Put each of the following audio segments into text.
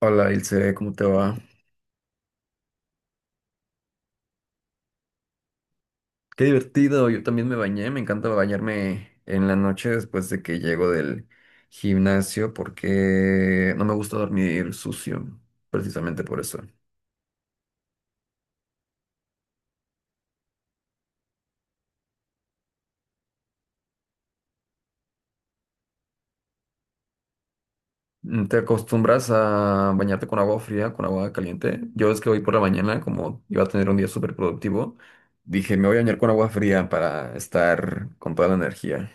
Hola Ilse, ¿cómo te va? Qué divertido, yo también me bañé, me encanta bañarme en la noche después de que llego del gimnasio porque no me gusta dormir sucio, precisamente por eso. ¿Te acostumbras a bañarte con agua fría, con agua caliente? Yo es que hoy por la mañana, como iba a tener un día súper productivo, dije, me voy a bañar con agua fría para estar con toda la energía.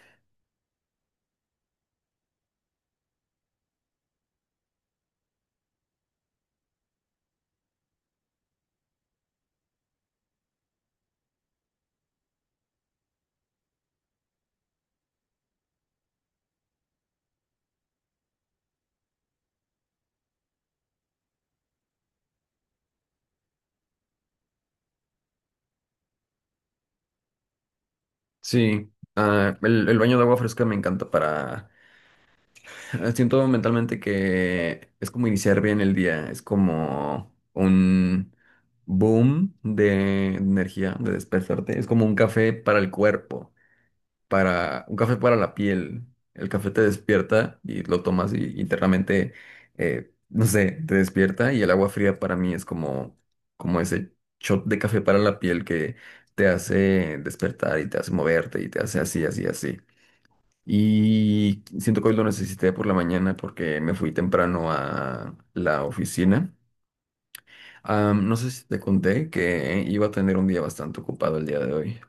Sí, el baño de agua fresca me encanta para… Siento mentalmente que es como iniciar bien el día, es como un boom de energía, de despertarte, es como un café para el cuerpo, para un café para la piel. El café te despierta y lo tomas y internamente, no sé, te despierta y el agua fría para mí es como ese shot de café para la piel que te hace despertar y te hace moverte y te hace así, así, así. Y siento que hoy lo necesité por la mañana porque me fui temprano a la oficina. No sé si te conté que iba a tener un día bastante ocupado el día de hoy.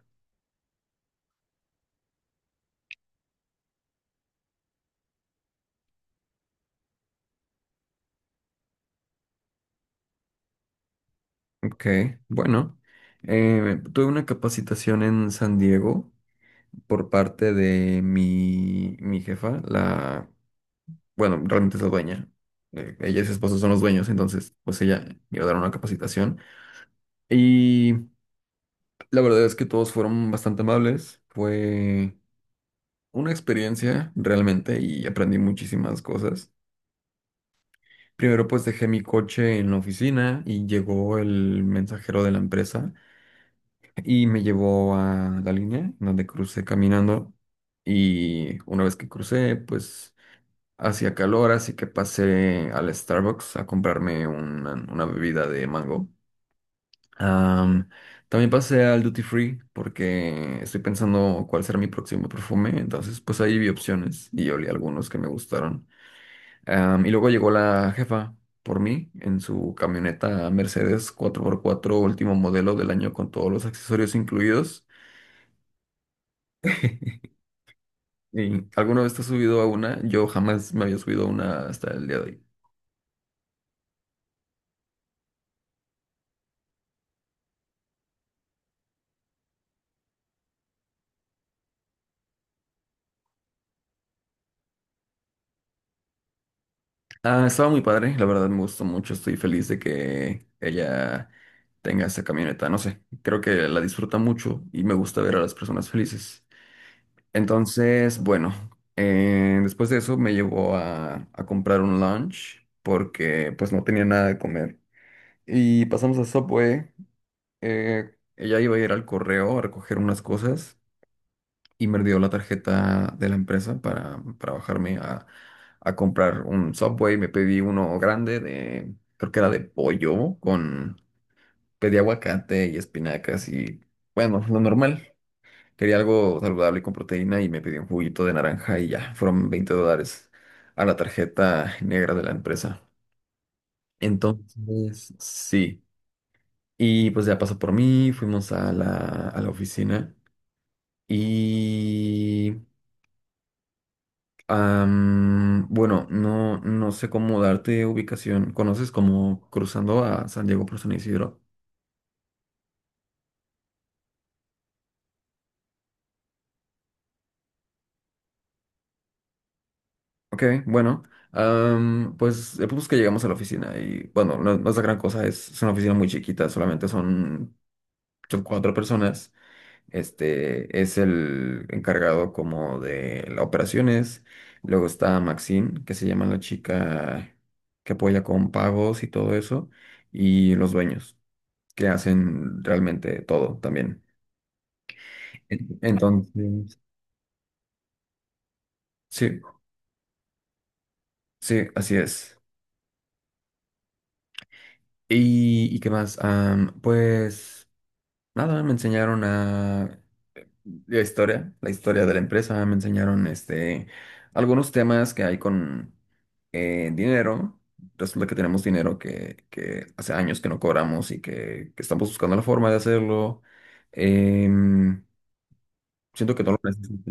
Ok, bueno. Tuve una capacitación en San Diego por parte de mi jefa, bueno, realmente es la dueña. Ella y su esposo son los dueños, entonces pues ella me iba a dar una capacitación. Y la verdad es que todos fueron bastante amables. Fue una experiencia realmente y aprendí muchísimas cosas. Primero pues dejé mi coche en la oficina y llegó el mensajero de la empresa y me llevó a la línea donde crucé caminando y una vez que crucé pues hacía calor, así que pasé al Starbucks a comprarme una bebida de mango. Am, también pasé al Duty Free porque estoy pensando cuál será mi próximo perfume, entonces pues ahí vi opciones y olí algunos que me gustaron. Y luego llegó la jefa por mí en su camioneta Mercedes 4x4, último modelo del año, con todos los accesorios incluidos. ¿Y alguna vez te has subido a una? Yo jamás me había subido a una hasta el día de hoy. Ah, estaba muy padre, la verdad me gustó mucho. Estoy feliz de que ella tenga esa camioneta. No sé, creo que la disfruta mucho y me gusta ver a las personas felices. Entonces, bueno, después de eso me llevó a comprar un lunch porque pues no tenía nada de comer. Y pasamos a Subway. Ella iba a ir al correo a recoger unas cosas y me dio la tarjeta de la empresa para bajarme a comprar un Subway. Me pedí uno grande de, creo que era de pollo con, pedí aguacate y espinacas y bueno, lo normal. Quería algo saludable con proteína y me pidió un juguito de naranja y ya, fueron $20 a la tarjeta negra de la empresa. Entonces, sí. Y pues ya pasó por mí, fuimos a la oficina y… bueno, no, no sé cómo darte ubicación. ¿Conoces como cruzando a San Diego por San Isidro? Ok, bueno. Pues el punto es que llegamos a la oficina y bueno, no, no es la gran cosa, es una oficina muy chiquita, solamente son cuatro personas. Este es el encargado como de las operaciones. Luego está Maxine, que se llama la chica que apoya con pagos y todo eso. Y los dueños, que hacen realmente todo también. Entonces, sí, sí, así es. ¿Y qué más? Pues nada, me enseñaron la historia de la empresa, me enseñaron algunos temas que hay con dinero. Resulta que tenemos dinero que hace años que no cobramos y que estamos buscando la forma de hacerlo. Em, Siento que no lo necesito.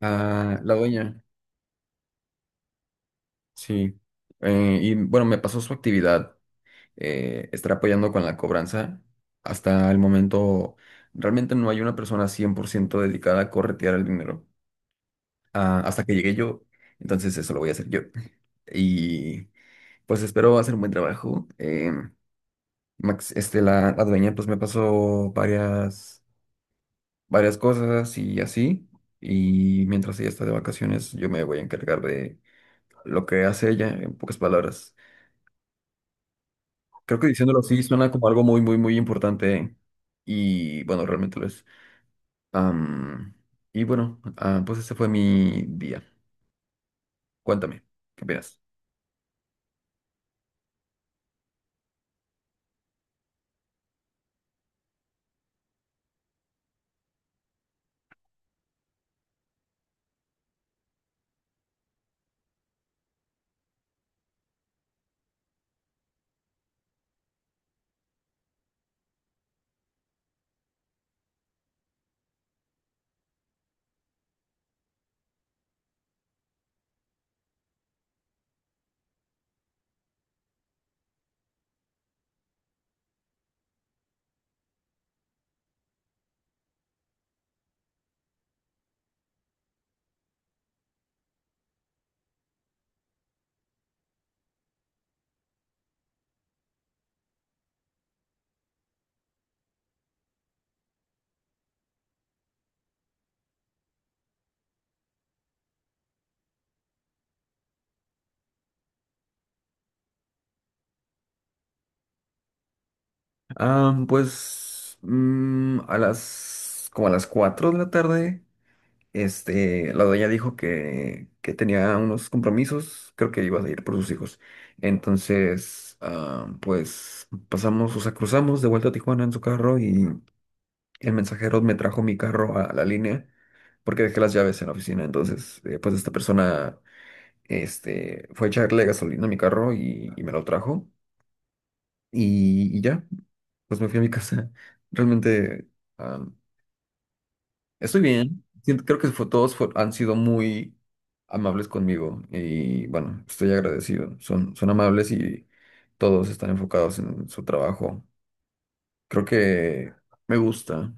Ah, la dueña, sí. Y bueno, me pasó su actividad. Estar apoyando con la cobranza. Hasta el momento, realmente no hay una persona 100% dedicada a corretear el dinero. Ah, hasta que llegué yo, entonces eso lo voy a hacer yo. Y pues espero hacer un buen trabajo. Max, la dueña pues me pasó varias cosas y así. Y mientras ella está de vacaciones, yo me voy a encargar de lo que hace ella, en pocas palabras. Creo que diciéndolo así suena como algo muy, muy, muy importante. Y bueno, realmente lo es. Am, y bueno, pues ese fue mi día. Cuéntame, ¿qué opinas? Pues como a las 4 de la tarde. La doña dijo que tenía unos compromisos, creo que iba a ir por sus hijos. Entonces, pues pasamos, o sea, cruzamos de vuelta a Tijuana en su carro, y el mensajero me trajo mi carro a la línea porque dejé las llaves en la oficina. Entonces, pues esta persona, fue a echarle gasolina a mi carro y me lo trajo, y ya, pues me fui a mi casa. Realmente, ah, Estoy bien. Siento- Creo que fue- todos fue- Han sido muy amables conmigo y bueno, estoy agradecido. Son amables y todos están enfocados en su trabajo. Creo que me gusta.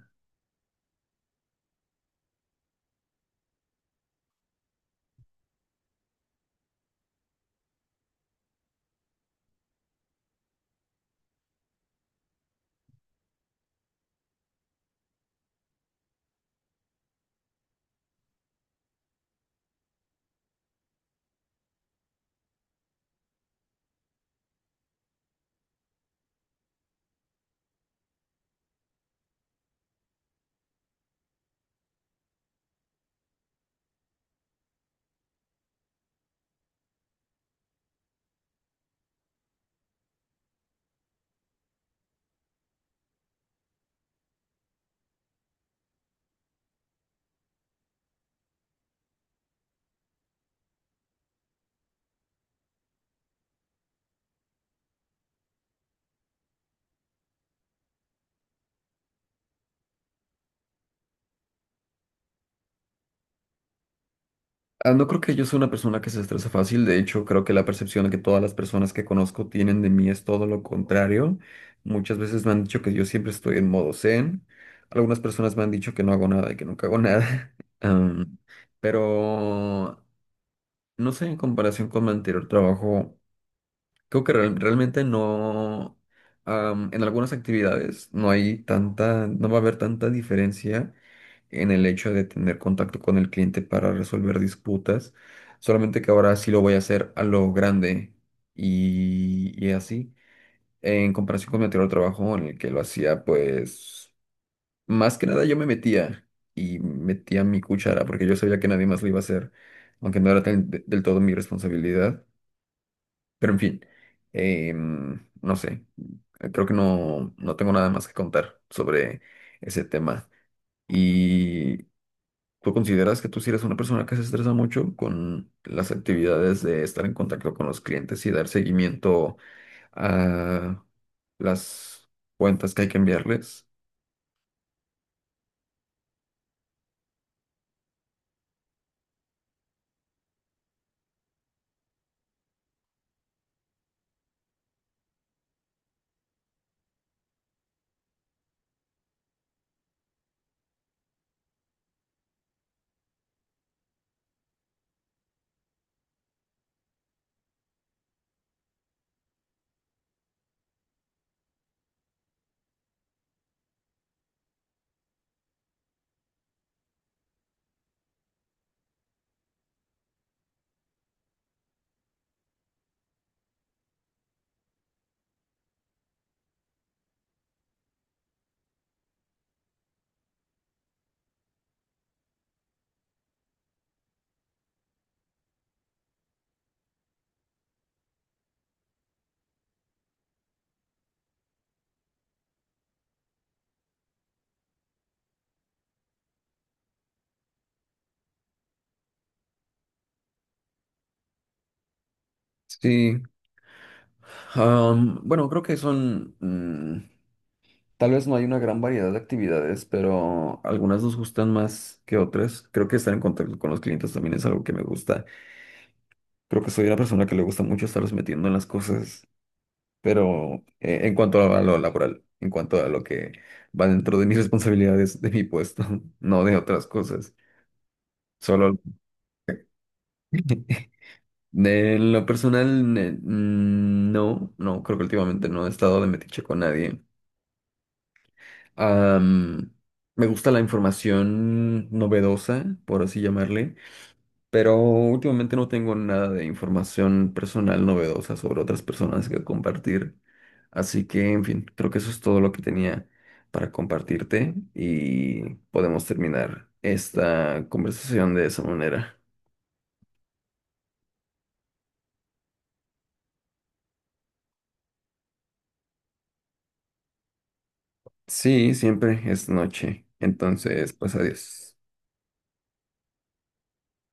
Ah, no creo que yo sea una persona que se estresa fácil. De hecho, creo que la percepción que todas las personas que conozco tienen de mí es todo lo contrario. Muchas veces me han dicho que yo siempre estoy en modo zen. Algunas personas me han dicho que no hago nada y que nunca hago nada. Am, pero no sé, en comparación con mi anterior trabajo, creo que realmente no, en algunas actividades no hay tanta, no va a haber tanta diferencia en el hecho de tener contacto con el cliente para resolver disputas, solamente que ahora sí lo voy a hacer a lo grande y así, en comparación con mi anterior trabajo en el que lo hacía, pues, más que nada yo me metía y metía mi cuchara porque yo sabía que nadie más lo iba a hacer, aunque no era del todo mi responsabilidad. Pero en fin, no sé, creo que no tengo nada más que contar sobre ese tema. ¿Y tú consideras que tú sí eres una persona que se estresa mucho con las actividades de estar en contacto con los clientes y dar seguimiento a las cuentas que hay que enviarles? Sí. Bueno, creo que tal vez no hay una gran variedad de actividades, pero algunas nos gustan más que otras. Creo que estar en contacto con los clientes también es algo que me gusta. Creo que soy una persona que le gusta mucho estarlos metiendo en las cosas, pero en cuanto a lo laboral, en cuanto a lo que va dentro de mis responsabilidades, de mi puesto, no de otras cosas. Solo de lo personal, no, no, creo que últimamente no he estado de metiche con nadie. Am, Me gusta la información novedosa, por así llamarle, pero últimamente no tengo nada de información personal novedosa sobre otras personas que compartir. Así que, en fin, creo que eso es todo lo que tenía para compartirte, y podemos terminar esta conversación de esa manera. Sí, siempre es noche. Entonces, pues adiós.